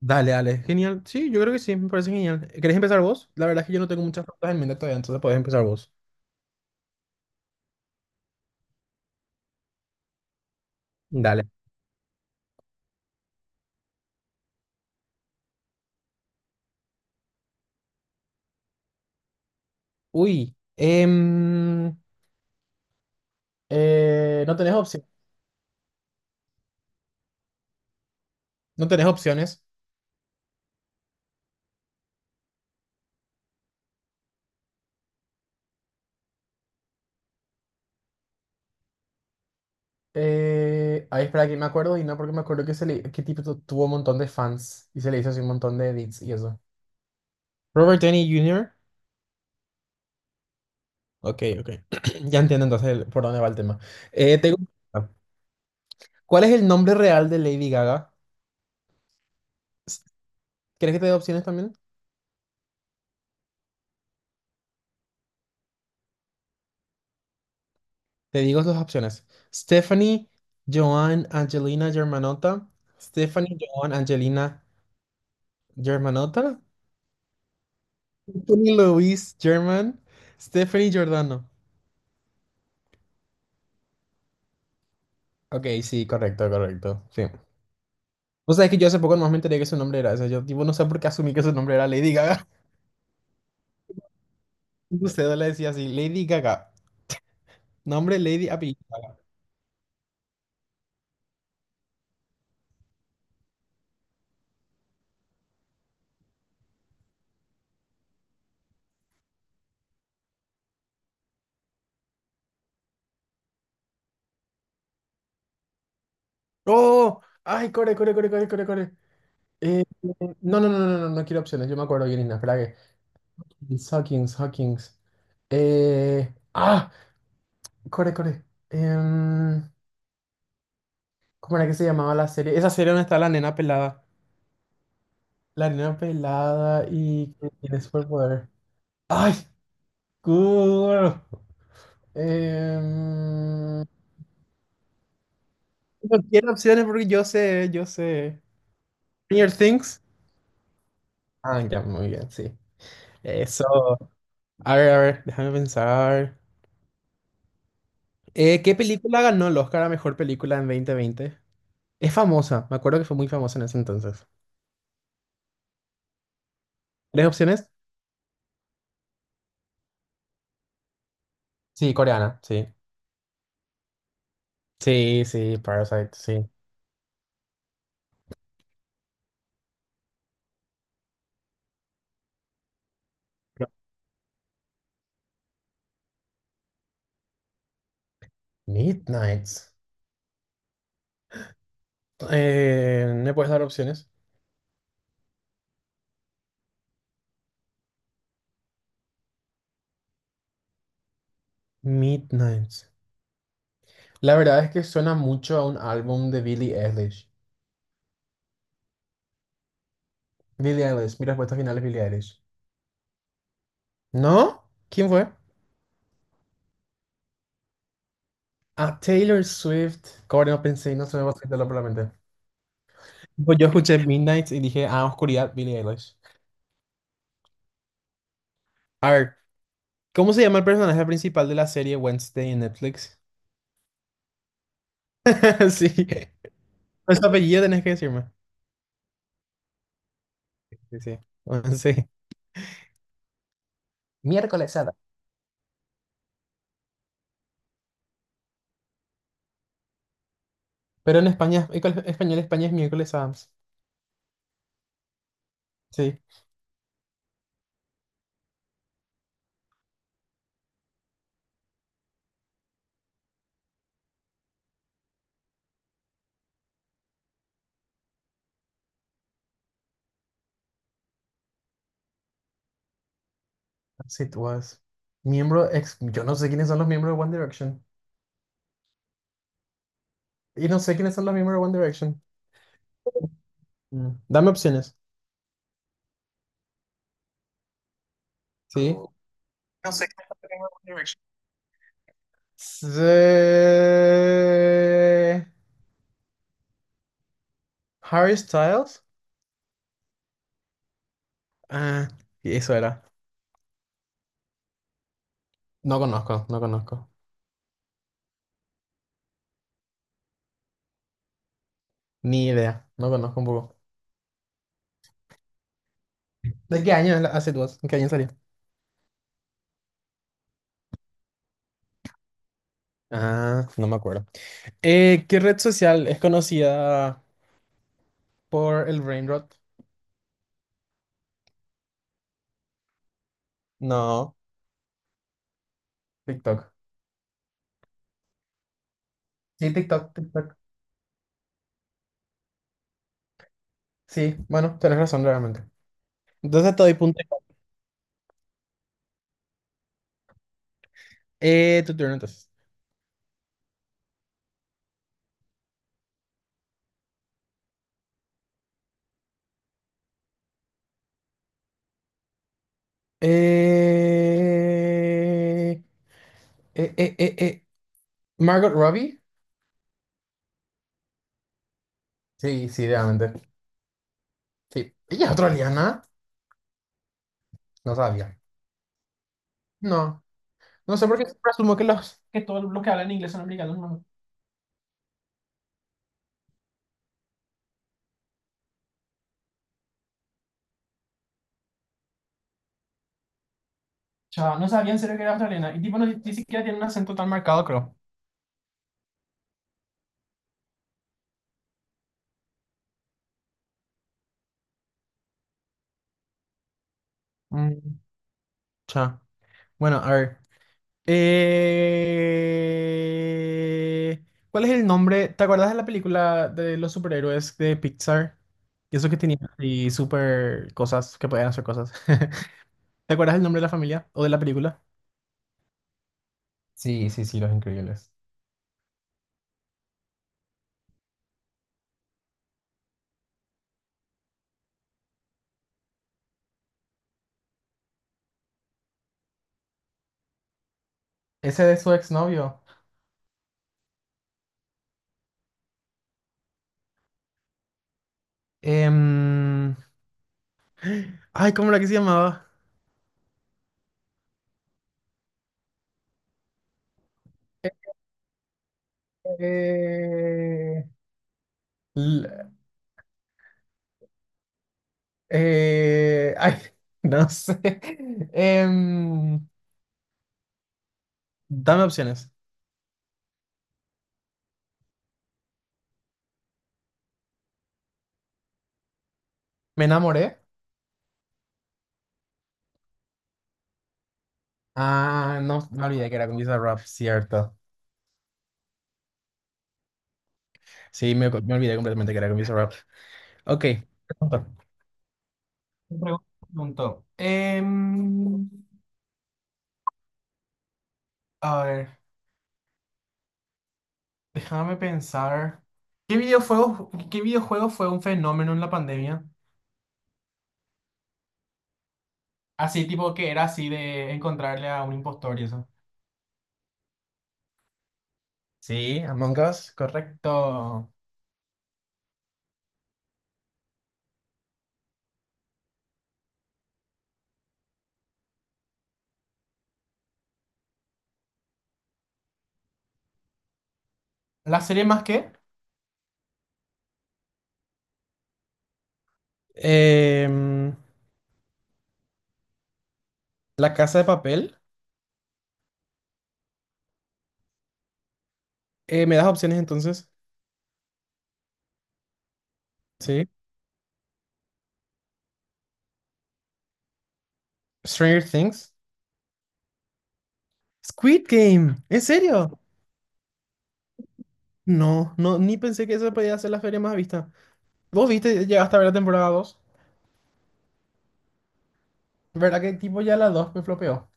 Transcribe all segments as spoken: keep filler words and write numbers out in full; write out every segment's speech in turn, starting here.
Dale, dale. Genial. Sí, yo creo que sí, me parece genial. ¿Querés empezar vos? La verdad es que yo no tengo muchas preguntas en mente todavía, entonces podés empezar vos. Dale. Uy, em, eh, no tenés opción. No tenés opciones. Eh, ahí espera que me acuerdo y no porque me acuerdo que, se le, que tipo tu- tuvo un montón de fans y se le hizo así un montón de edits y eso. Robert Downey junior Ok, ok. Ya entiendo entonces el- por dónde va el tema. Eh, tengo- ¿Cuál es el nombre real de Lady Gaga? ¿Crees que te dé opciones también? Te digo las opciones. Stephanie, Joan, Angelina, Germanota. Stephanie, Joan, Angelina, Germanota. Stephanie Luis, German. Stephanie Giordano. Ok, sí, correcto, correcto. Sí. Vos sabés que yo hace poco nomás me enteré que su nombre era ese. Yo, tipo, no sé por qué asumí que su nombre era Lady Gaga. Usted le decía así, Lady Gaga. Nombre Lady apellido Gaga. ¡Oh! ¡Ay, corre, corre, corre, corre, corre, corre! Eh, no, no, no, no, no, no quiero opciones. Yo me acuerdo bien, Ina. Espera que- Sackings, Hackings. Eh, ah, core, core. Em, ¿Cómo era que se llamaba la serie? Esa serie donde está la nena pelada. La nena pelada y que tiene superpoder. ¡Ay! ¡Cool! Em, no quiero opciones porque yo sé, yo sé. Stranger Things. Ah, ya, muy bien, sí. Eso. A ver, a ver, déjame pensar. Eh, ¿qué película ganó el Oscar a mejor película en dos mil veinte? Es famosa, me acuerdo que fue muy famosa en ese entonces. ¿Tres opciones? Sí, coreana, sí. Sí, sí, Parasite, sí. No. Midnights. Eh, ¿me puedes dar opciones? Midnights. La verdad es que suena mucho a un álbum de Billie Eilish. Billie Eilish, mi respuesta final es Billie Eilish. ¿No? ¿Quién fue? A Taylor Swift. Corre, no pensé no se me va a salirlo por la mente. Pues yo escuché Midnights y dije, ah, oscuridad, Billie Eilish. A ver, ¿cómo se llama el personaje principal de la serie Wednesday en Netflix? Sí. Pues su apellido tenés que decirme. Sí, sí. Sí. Miércoles Adams. Pero en España, en español, España es miércoles Adams. Sí. Sí, tú vas. Miembro ex. Yo no sé quiénes son los miembros de One Direction. Y no sé quiénes son los miembros de One Direction. Mm. Dame opciones. Sí. No sé quiénes son los miembros de One Direction. Se- Harry Styles. Ah, y eso era. No conozco, no conozco. Ni idea. No conozco un poco. ¿De qué año es la As It Was? ¿En qué año salió? Ah, no me acuerdo. Eh, ¿qué red social es conocida por el brain rot? No, TikTok. Sí, TikTok, TikTok. Sí, bueno, tenés razón realmente. Entonces te doy punto. Eh, tu turno entonces. Eh, eh, eh, eh, eh. Margot Robbie. Sí, sí, realmente. Sí. ¿Ella es australiana? No sabía. No. No sé por qué siempre asumo que los que todos los que hablan inglés son americanos. No, chao, no sabía en serio que era australiana. Y tipo, no, ni siquiera tiene un acento tan marcado, creo. Mm, chao. Bueno, a ver. Eh, ¿Cuál es el nombre? ¿Te acuerdas de la película de los superhéroes de Pixar? Y eso que tenían así super cosas, que podían hacer cosas. ¿Te acuerdas el nombre de la familia o de la película? Sí, sí, sí, Los Increíbles. Ese de su exnovio. Em, Ay, ¿cómo era que se llamaba? Eh, l- eh, Ay, no sé. Em, Dame opciones. Me enamoré. Ah, no, me olvidé que era con Visa Rap, cierto. Sí, me, me olvidé completamente que era con Visa Rap. Ok. Pregunta. Me pregun- Preguntó. Em, a ver, déjame pensar. ¿Qué videojuegos, ¿qué videojuego fue un fenómeno en la pandemia? Así tipo que era así de encontrarle a un impostor y eso. Sí, Among Us. Correcto. ¿La serie más que? Em, La Casa de Papel. Eh, ¿me das opciones entonces? Sí. Stranger Things. Squid Game, ¿en serio? No, no, ni pensé que eso podía ser la feria más vista. ¿Vos viste, llegaste a ver la temporada dos? ¿Verdad que tipo ya la dos me flopeó?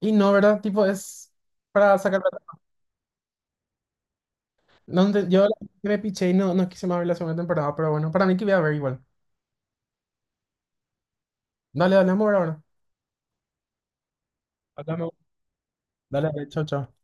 Y no, ¿verdad? Tipo es para sacar plata. No ente- yo la- Me piché y no, no quise más ver la segunda temporada, pero bueno, para mí que voy a ver igual. Dale, dale, vamos a ver ahora. Hablamos. Dale, dale, chao, chao.